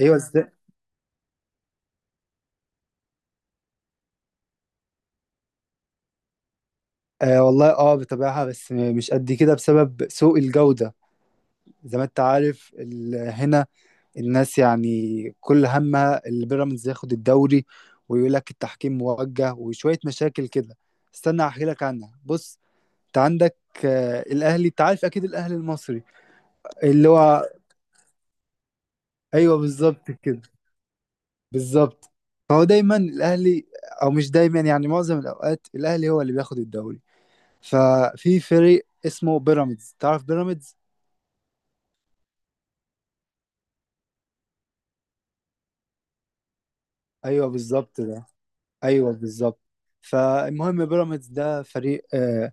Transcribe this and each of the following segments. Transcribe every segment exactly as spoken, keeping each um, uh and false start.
ايوه، ازاي؟ آه والله، اه بتابعها، بس م- مش قد كده، بسبب سوء الجودة. زي ما انت عارف، ال- هنا الناس يعني كل همها البيراميدز ياخد الدوري، ويقول لك التحكيم موجه وشوية مشاكل كده. استنى احكي لك عنها. بص، انت عندك آه الاهلي، انت عارف اكيد الاهلي المصري، اللي هو. ايوه بالظبط كده، بالظبط. فهو دايما الاهلي، او مش دايما، يعني معظم الاوقات الاهلي هو اللي بياخد الدوري. ففي فريق اسمه بيراميدز، تعرف بيراميدز؟ ايوه بالظبط ده، ايوه بالظبط. فالمهم بيراميدز ده فريق آه،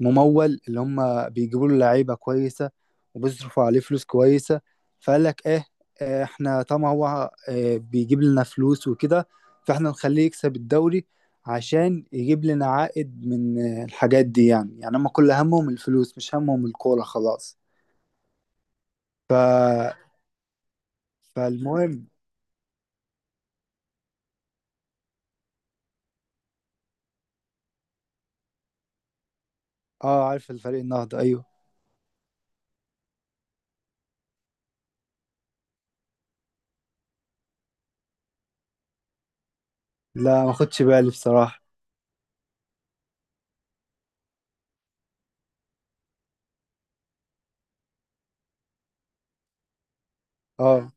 ممول، اللي هم بيجيبوا له لعيبه كويسه، وبيصرفوا عليه فلوس كويسه. فقال لك ايه، آه، احنا طبعا هو آه، بيجيب لنا فلوس وكده، فاحنا نخليه يكسب الدوري عشان يجيب لنا عائد من آه، الحاجات دي. يعني يعني هم كل همهم الفلوس، مش همهم الكوره خلاص. ف فالمهم. اه، عارف الفريق النهضه، ايوه. لا، ما خدش بالي بصراحه. اه.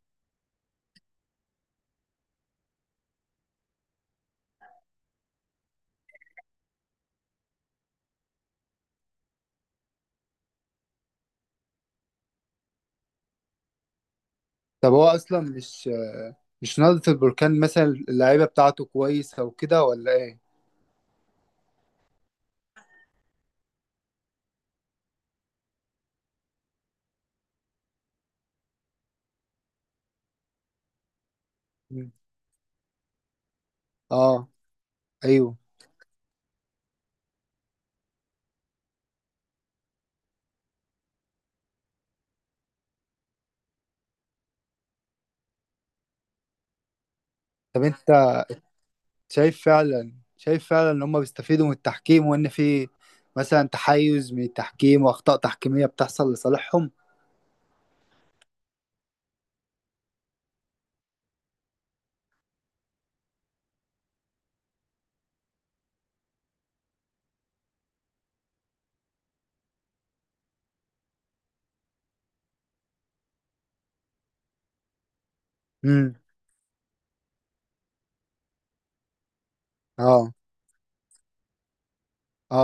طب هو اصلا مش مش نهضة البركان مثلا اللعيبة بتاعته كويسة وكده ولا ايه؟ مم. اه. ايوه. طب انت شايف فعلا، شايف فعلا ان هم بيستفيدوا من التحكيم، وان في مثلا تحيز من التحكيم واخطاء تحكيمية بتحصل لصالحهم؟ امم. اه. اه.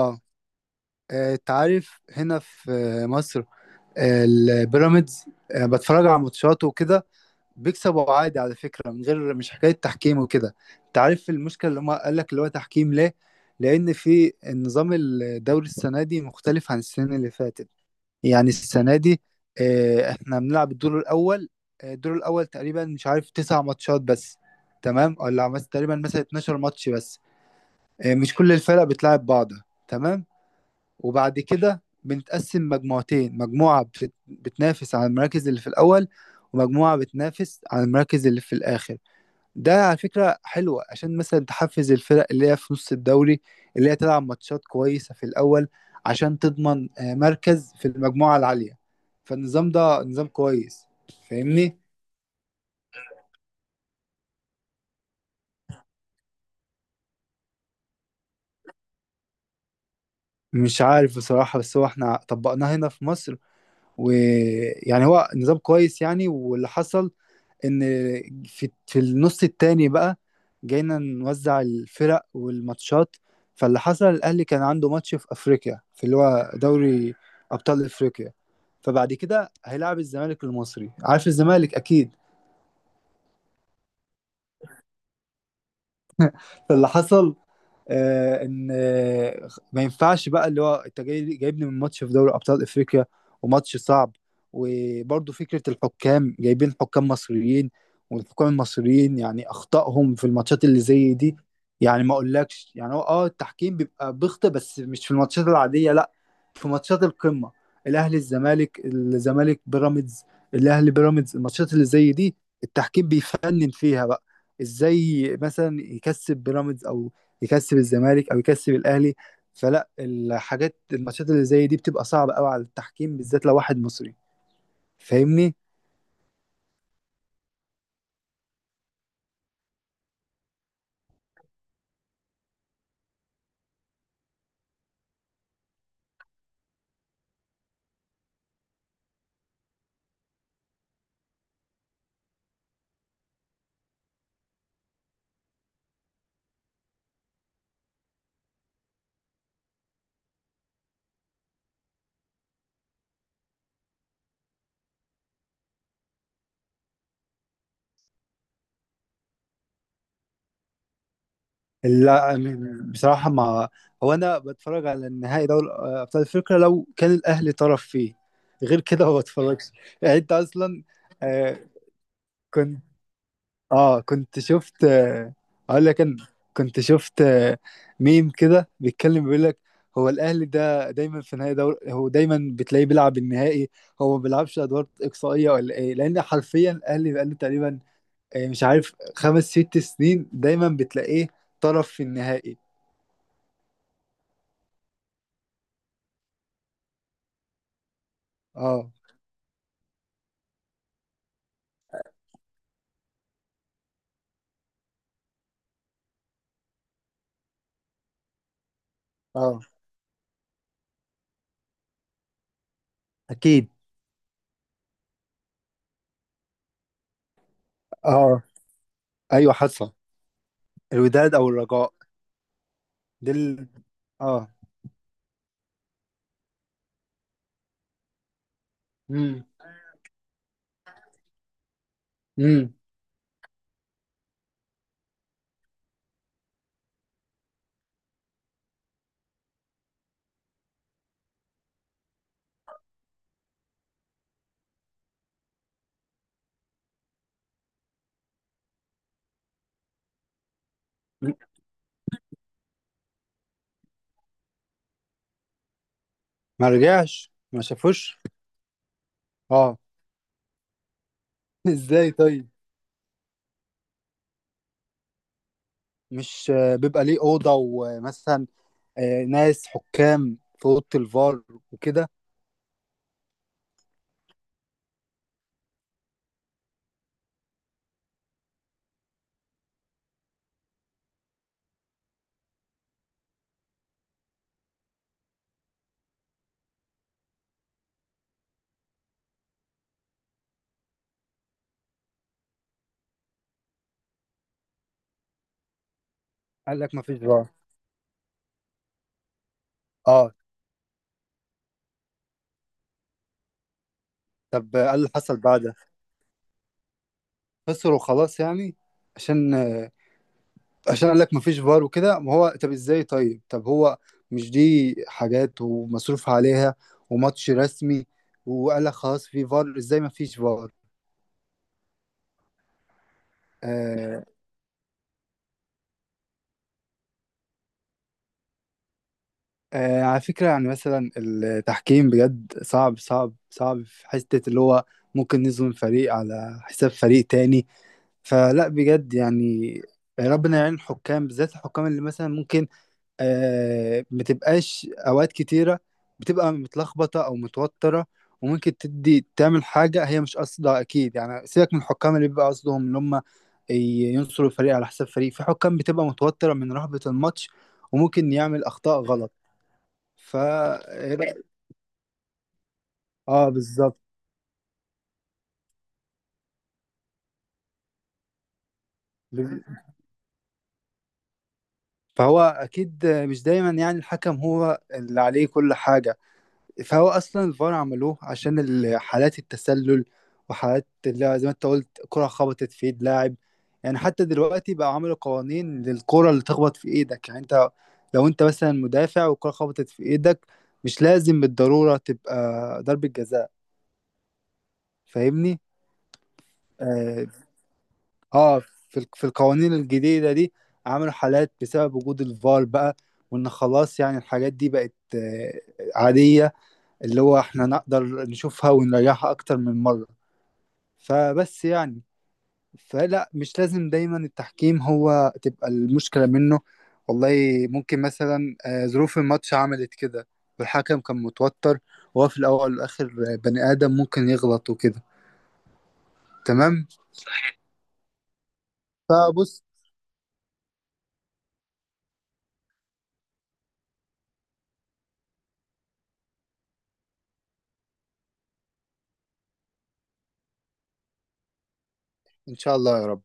آه، انت عارف هنا في آه، مصر، آه، البيراميدز آه، بتفرج على ماتشاته وكده، بيكسبوا عادي على فكرة، من غير مش حكاية تحكيم وكده. انت عارف المشكلة اللي هم قال لك اللي هو تحكيم ليه؟ لأن في النظام الدوري السنة دي مختلف عن السنة اللي فاتت. يعني السنة دي آه، احنا بنلعب الدور الأول. آه، الدور الأول تقريبا، مش عارف، تسع ماتشات بس. تمام؟ ولا مس- تقريبا مثلا اتناشر ماتش بس. آه، مش كل الفرق بتلعب بعض. تمام؟ وبعد كده بنتقسم مجموعتين، مجموعة بت- بتنافس على المراكز اللي في الأول، ومجموعة بتنافس على المراكز اللي في الآخر. ده على فكرة حلوة، عشان مثلا تحفز الفرق اللي هي في نص الدوري، اللي هي تلعب ماتشات كويسة في الأول عشان تضمن آه، مركز في المجموعة العالية. فالنظام ده نظام كويس، فاهمني؟ مش عارف بصراحة، بس هو احنا طبقناه هنا في مصر، ويعني هو نظام كويس يعني. واللي حصل ان في في النص التاني بقى جينا نوزع الفرق والماتشات. فاللي حصل الاهلي كان عنده ماتش في افريقيا، في اللي هو دوري ابطال افريقيا، فبعد كده هيلاعب الزمالك المصري، عارف الزمالك اكيد. فاللي حصل آه، ان آه، ما ينفعش بقى، اللي هو انت جاي- جايبني من ماتش في دوري ابطال افريقيا، وماتش صعب، وبرضه فكره الحكام جايبين حكام مصريين، والحكام المصريين يعني اخطائهم في الماتشات اللي زي دي، يعني ما اقولكش يعني، هو اه التحكيم بيبقى بيخطئ، بس مش في الماتشات العاديه، لا، في ماتشات القمه، الاهلي الزمالك، الزمالك بيراميدز، الاهلي بيراميدز، الماتشات اللي زي دي التحكيم بيفنن فيها بقى، ازاي مثلا يكسب بيراميدز، او يكسب الزمالك، او يكسب الاهلي. فلا، الحاجات الماتشات اللي زي دي بتبقى صعبه قوي على التحكيم، بالذات لو واحد مصري، فاهمني؟ لا، م- بصراحه ما، هو انا بتفرج على النهائي دوري ابطال افريقيا لو كان الاهلي طرف فيه، غير كده ما بتفرجش. يعني انت اصلا آه، كنت، اه كنت شفت آه، اقول لك انا، كنت شفت آه، ميم كده بيتكلم بيقول لك هو الاهلي ده دايما في نهائي دوري، هو دايما بتلاقيه بيلعب النهائي، هو ما بيلعبش ادوار اقصائيه ولا ايه؟ لان حرفيا الاهلي بقاله تقريبا آه، مش عارف، خمس ست سنين دايما بتلاقيه طرف في النهائي. اه. اه. اكيد. اه. ايوه حصل. الوداد او الرجاء. دل. اه. امم. امم. ما رجعش، ما شافوش. اه. ازاي طيب؟ مش آه، بيبقى ليه اوضه، ومثلا آه، ناس حكام في اوضه الفار وكده؟ قال لك ما فيش فار. اه، طب آه، قال اللي حصل بعدها، خسروا خلاص يعني، عشان آه، عشان قال لك ما فيش فار وكده. ما هو طب ازاي؟ طيب، طب هو مش دي حاجات ومصروف عليها وماتش رسمي، وقال لك خلاص في فار، ازاي ما فيش فار؟ آه، آه على فكرة يعني مثلا التحكيم بجد صعب صعب صعب، في حتة اللي هو ممكن نظلم فريق على حساب فريق تاني. فلا، بجد يعني ربنا يعين الحكام، بالذات الحكام اللي مثلا ممكن آه ما تبقاش، أوقات كتيرة بتبقى متلخبطة أو متوترة، وممكن تدي تعمل حاجة هي مش قصدها أكيد. يعني سيبك من الحكام اللي بيبقى قصدهم إن هم ي- ينصروا الفريق على حساب فريق، في حكام بتبقى متوترة من رهبة الماتش، وممكن يعمل أخطاء غلط. فا، اه بالظبط. فهو اكيد مش دايما يعني الحكم هو اللي عليه كل حاجه. فهو اصلا الفار عملوه عشان ال- حالات التسلل، وحالات اللي زي ما انت قلت، كره خبطت في ايد لاعب. يعني حتى دلوقتي بقى عملوا قوانين للكره اللي تخبط في ايدك، يعني انت لو انت مثلا مدافع والكره خبطت في ايدك، مش لازم بالضروره تبقى ضربه جزاء، فاهمني؟ آه، اه في الق- في القوانين الجديدة دي عملوا حالات بسبب وجود الفار بقى، وان خلاص يعني الحاجات دي بقت آه، عادية، اللي هو احنا نقدر نشوفها ونريحها اكتر من مرة. فبس يعني، فلا مش لازم دايما التحكيم هو تبقى المشكلة منه والله. ممكن مثلا آه، ظروف الماتش عملت كده، والحكم كان متوتر، وهو في الاول والاخر آه، بني ادم، ممكن يغلط وكده. تمام؟ فبص، ان شاء الله يا رب.